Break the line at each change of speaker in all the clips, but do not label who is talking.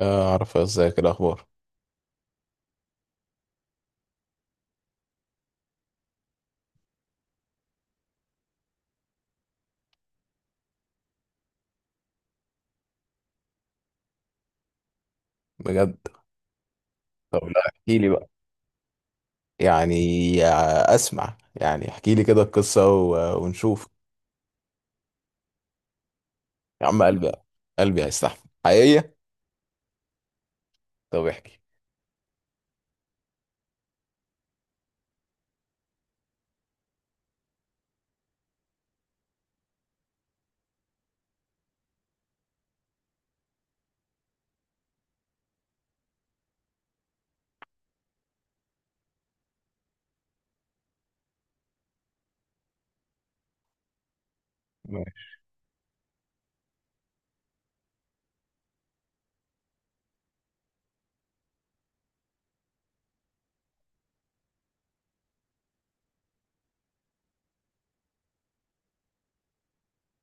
آه، اعرف ازيك، إيه الاخبار؟ بجد. طب لا، احكي لي بقى. يعني آه، اسمع، يعني احكي لي كده القصه ونشوف. يا عم قلبي. قلبي هيستحمل حقيقيه. طب احكي.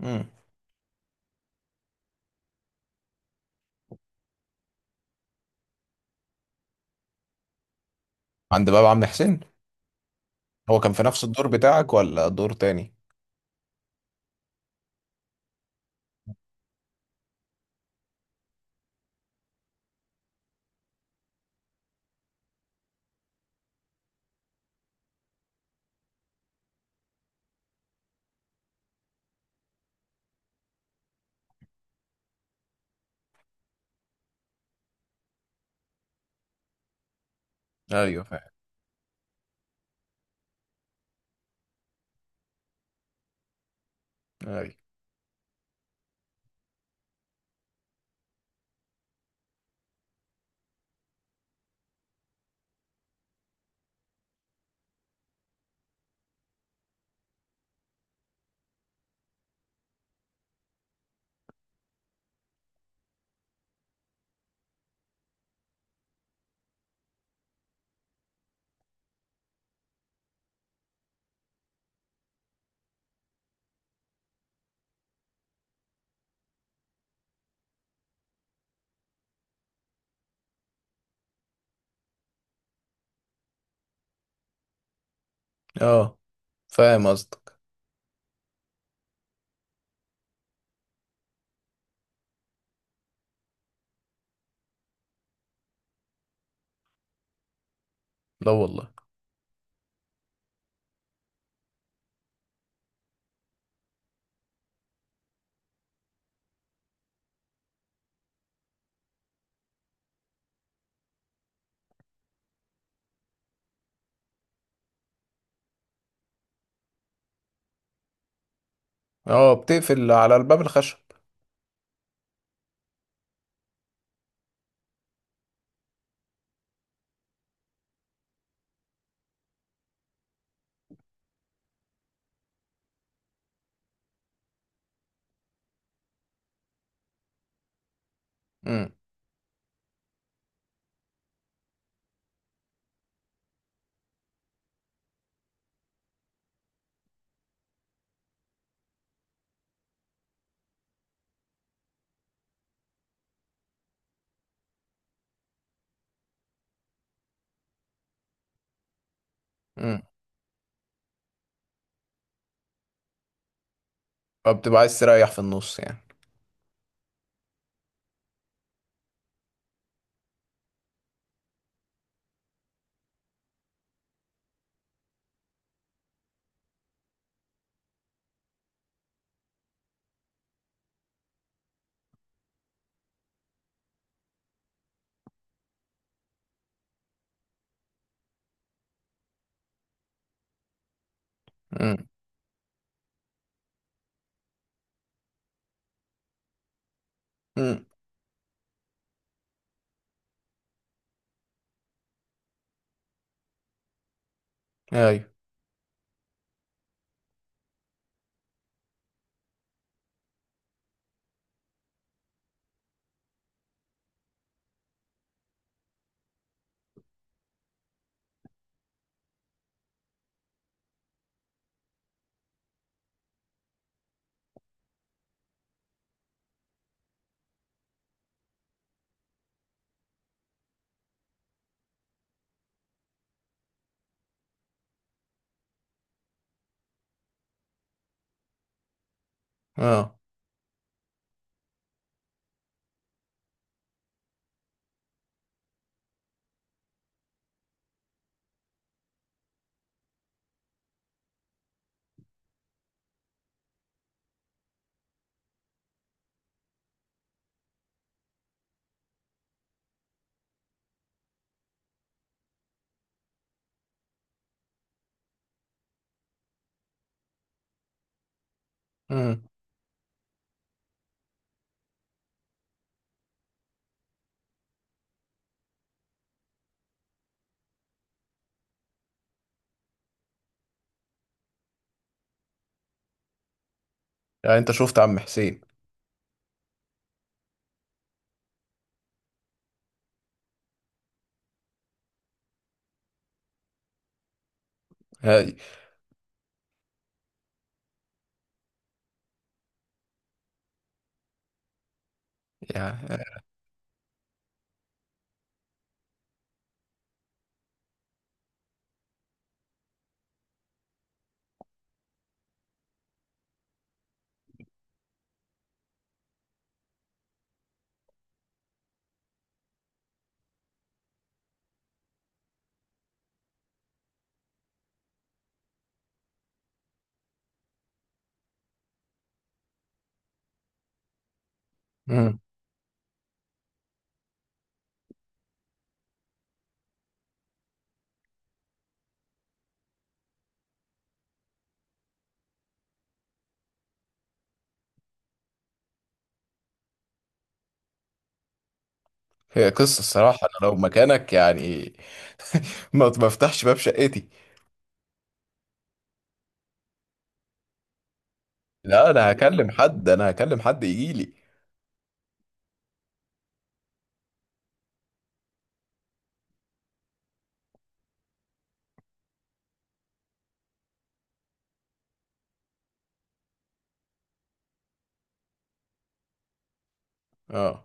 مم. عند باب عم حسين. هو كان في نفس الدور بتاعك ولا دور تاني؟ ايوه فاهم. ايوه. اه، فاهم قصدك. لا والله. اه، بتقفل على الباب الخشب. امم. امم. فبتبقى عايز تريح في النص يعني؟ امم. امم. ايوه. اه. امم. يعني انت شفت عم حسين؟ ايوه. يعني مم. هي قصة، الصراحة أنا لو مكانك يعني. ما بفتحش باب شقتي. لا، أنا هكلم حد يجيلي. أه.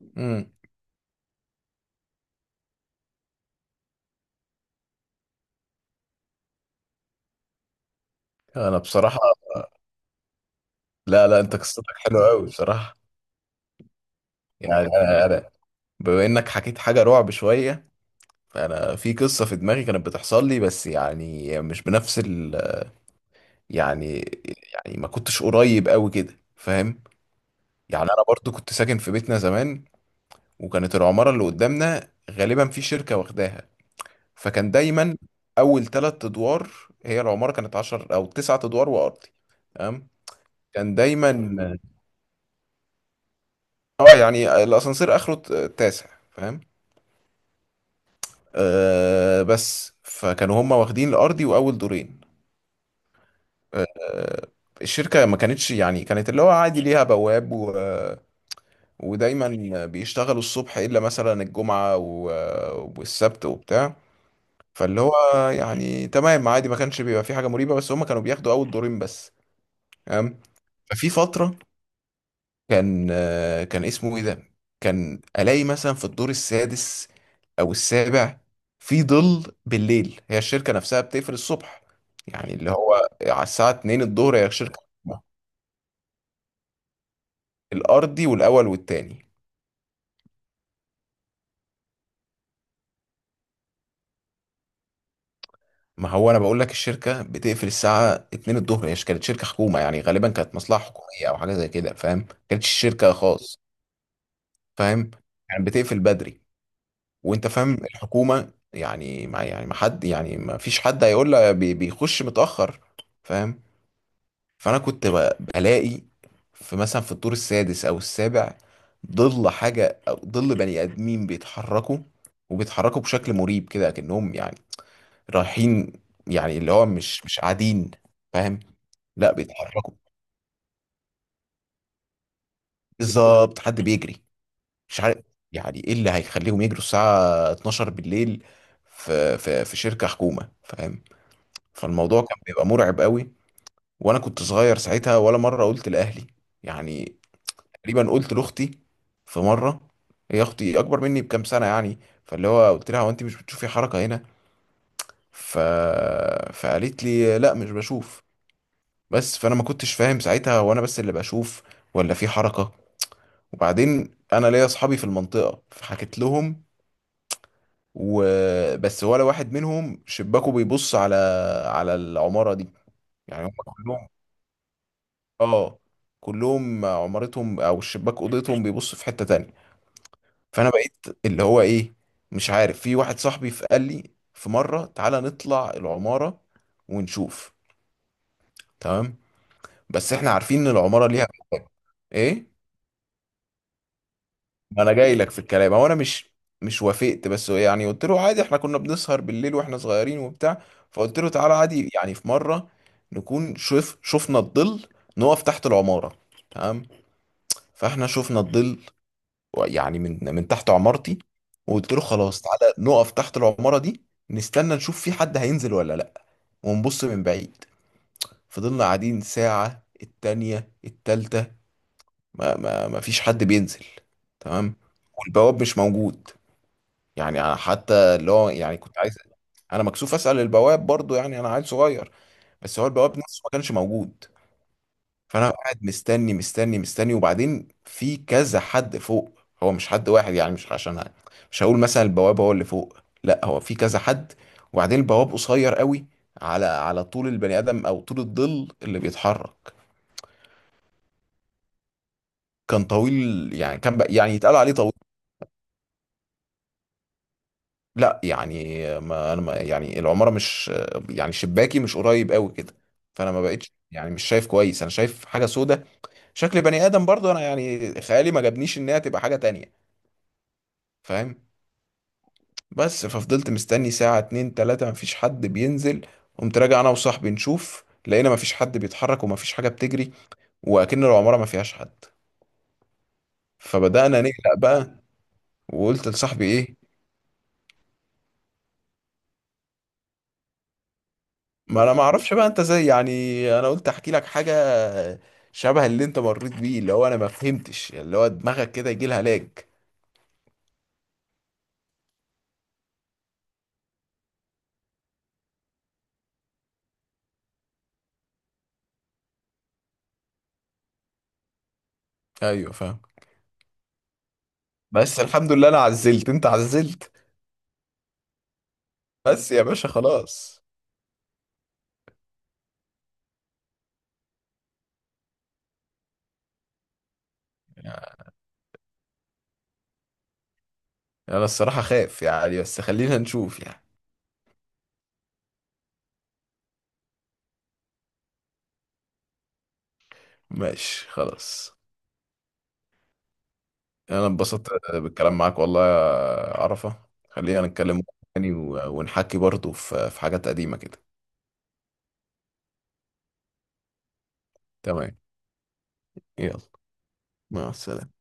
مم. أنا بصراحة. لا لا، أنت قصتك حلوة أوي بصراحة. يعني أنا بما إنك حكيت حاجة رعب شوية، فأنا في قصة في دماغي كانت بتحصل لي، بس يعني مش بنفس ال. يعني. يعني ما كنتش قريب أوي كده فاهم. يعني أنا برضو كنت ساكن في بيتنا زمان، وكانت العمارة اللي قدامنا غالبا في شركة واخداها. فكان دايما اول ثلاث ادوار. هي العماره كانت 10 او تسعة ادوار وارضي. تمام. كان دايما اه، يعني الاسانسير اخره التاسع فاهم. آه بس فكانوا هم واخدين الارضي واول دورين. آه، الشركه ما كانتش، يعني كانت اللي هو عادي، ليها بواب، و... ودايما بيشتغلوا الصبح الا مثلا الجمعه و... والسبت وبتاع. فاللي هو يعني تمام عادي، ما كانش بيبقى في حاجه مريبه، بس هم كانوا بياخدوا اول دورين بس. تمام. ففي فترة كان كان اسمه ايه ده، كان الاقي مثلا في الدور السادس او السابع في ظل بالليل. هي الشركه نفسها بتقفل الصبح، يعني اللي هو على الساعه 2 الظهر هي الشركه. الارضي والاول والتاني. ما هو انا بقول لك الشركه بتقفل الساعه 2 الظهر، هي كانت شركه حكومه، يعني غالبا كانت مصلحه حكوميه او حاجه زي كده، فاهم؟ ما كانتش شركه خاص. فاهم؟ يعني بتقفل بدري. وانت فاهم الحكومة، يعني ما يعني ما حد يعني ما فيش حد هيقول لها بيخش متأخر فاهم. فانا كنت بلاقي في مثلا في الدور السادس او السابع ظل حاجة او ظل بني ادمين بيتحركوا، وبيتحركوا بشكل مريب كده، كأنهم يعني رايحين، يعني اللي هو مش قاعدين فاهم. لا بيتحركوا. بالظبط حد بيجري. مش عارف، يعني ايه اللي هيخليهم يجروا الساعة 12 بالليل في شركة حكومة فاهم. فالموضوع كان بيبقى مرعب قوي، وانا كنت صغير ساعتها ولا مره قلت لاهلي. يعني تقريبا قلت لاختي في مره. هي اختي اكبر مني بكام سنه يعني. فاللي هو قلت لها، هو انت مش بتشوفي حركه هنا؟ ف... فقالت لي لا مش بشوف. بس فانا ما كنتش فاهم ساعتها، هو انا بس اللي بشوف ولا في حركه. وبعدين انا ليا اصحابي في المنطقه، فحكيت لهم وبس، ولا واحد منهم شباكه بيبص على العماره دي، يعني هم كلهم. اه. كلهم عمارتهم او الشباك اوضتهم بيبص في حتة تانية. فانا بقيت اللي هو ايه، مش عارف. في واحد صاحبي قال لي في مرة تعالى نطلع العمارة ونشوف. تمام. بس احنا عارفين ان العمارة ليها باب. ايه. ما انا جاي لك في الكلام. هو انا مش وافقت، بس هو يعني قلت له عادي، احنا كنا بنسهر بالليل واحنا صغيرين وبتاع. فقلت له تعالى عادي يعني في مرة، نكون شوف شفنا الظل، نقف تحت العمارة. تمام. فاحنا شفنا الظل يعني من تحت عمارتي. وقلت له خلاص تعالى نقف تحت العمارة دي، نستنى نشوف في حد هينزل ولا لأ، ونبص من بعيد. فضلنا قاعدين ساعة التانية التالتة، ما فيش حد بينزل. تمام. والبواب مش موجود، يعني أنا حتى اللي هو يعني كنت عايز. أنا مكسوف أسأل البواب برضو، يعني أنا عيل صغير. بس هو البواب نفسه ما كانش موجود. فانا قاعد مستني مستني مستني، وبعدين في كذا حد فوق، هو مش حد واحد، يعني مش عشان مش هقول مثلا البواب هو اللي فوق، لا هو في كذا حد. وبعدين البواب قصير قوي على طول البني ادم او طول الظل اللي بيتحرك. كان طويل، يعني كان يعني يتقال عليه طويل. لا يعني ما انا ما يعني العماره مش، يعني شباكي مش قريب قوي كده. فانا ما بقتش يعني مش شايف كويس، انا شايف حاجه سودة شكل بني ادم، برضو انا يعني خيالي ما جابنيش ان هي تبقى حاجه تانية فاهم. بس ففضلت مستني ساعة اتنين تلاتة مفيش حد بينزل، قمت راجع انا وصاحبي نشوف، لقينا مفيش حد بيتحرك ومفيش حاجة بتجري، وأكن العمارة ما فيهاش حد. فبدأنا نقلق بقى. وقلت لصاحبي ايه، ما انا ما اعرفش بقى انت زي، يعني انا قلت احكي لك حاجة شبه اللي انت مريت بيه، اللي هو انا ما فهمتش اللي هو دماغك كده يجي لها لاج. ايوه فاهم. بس الحمد لله انا عزلت انت عزلت. بس يا باشا خلاص. يعني. انا الصراحة خايف يعني، بس خلينا نشوف يعني. ماشي خلاص. انا اتبسطت بالكلام معاك والله يا عرفة، خلينا نتكلم تاني ونحكي برضه في حاجات قديمة كده. تمام. يلا. مع السلامة.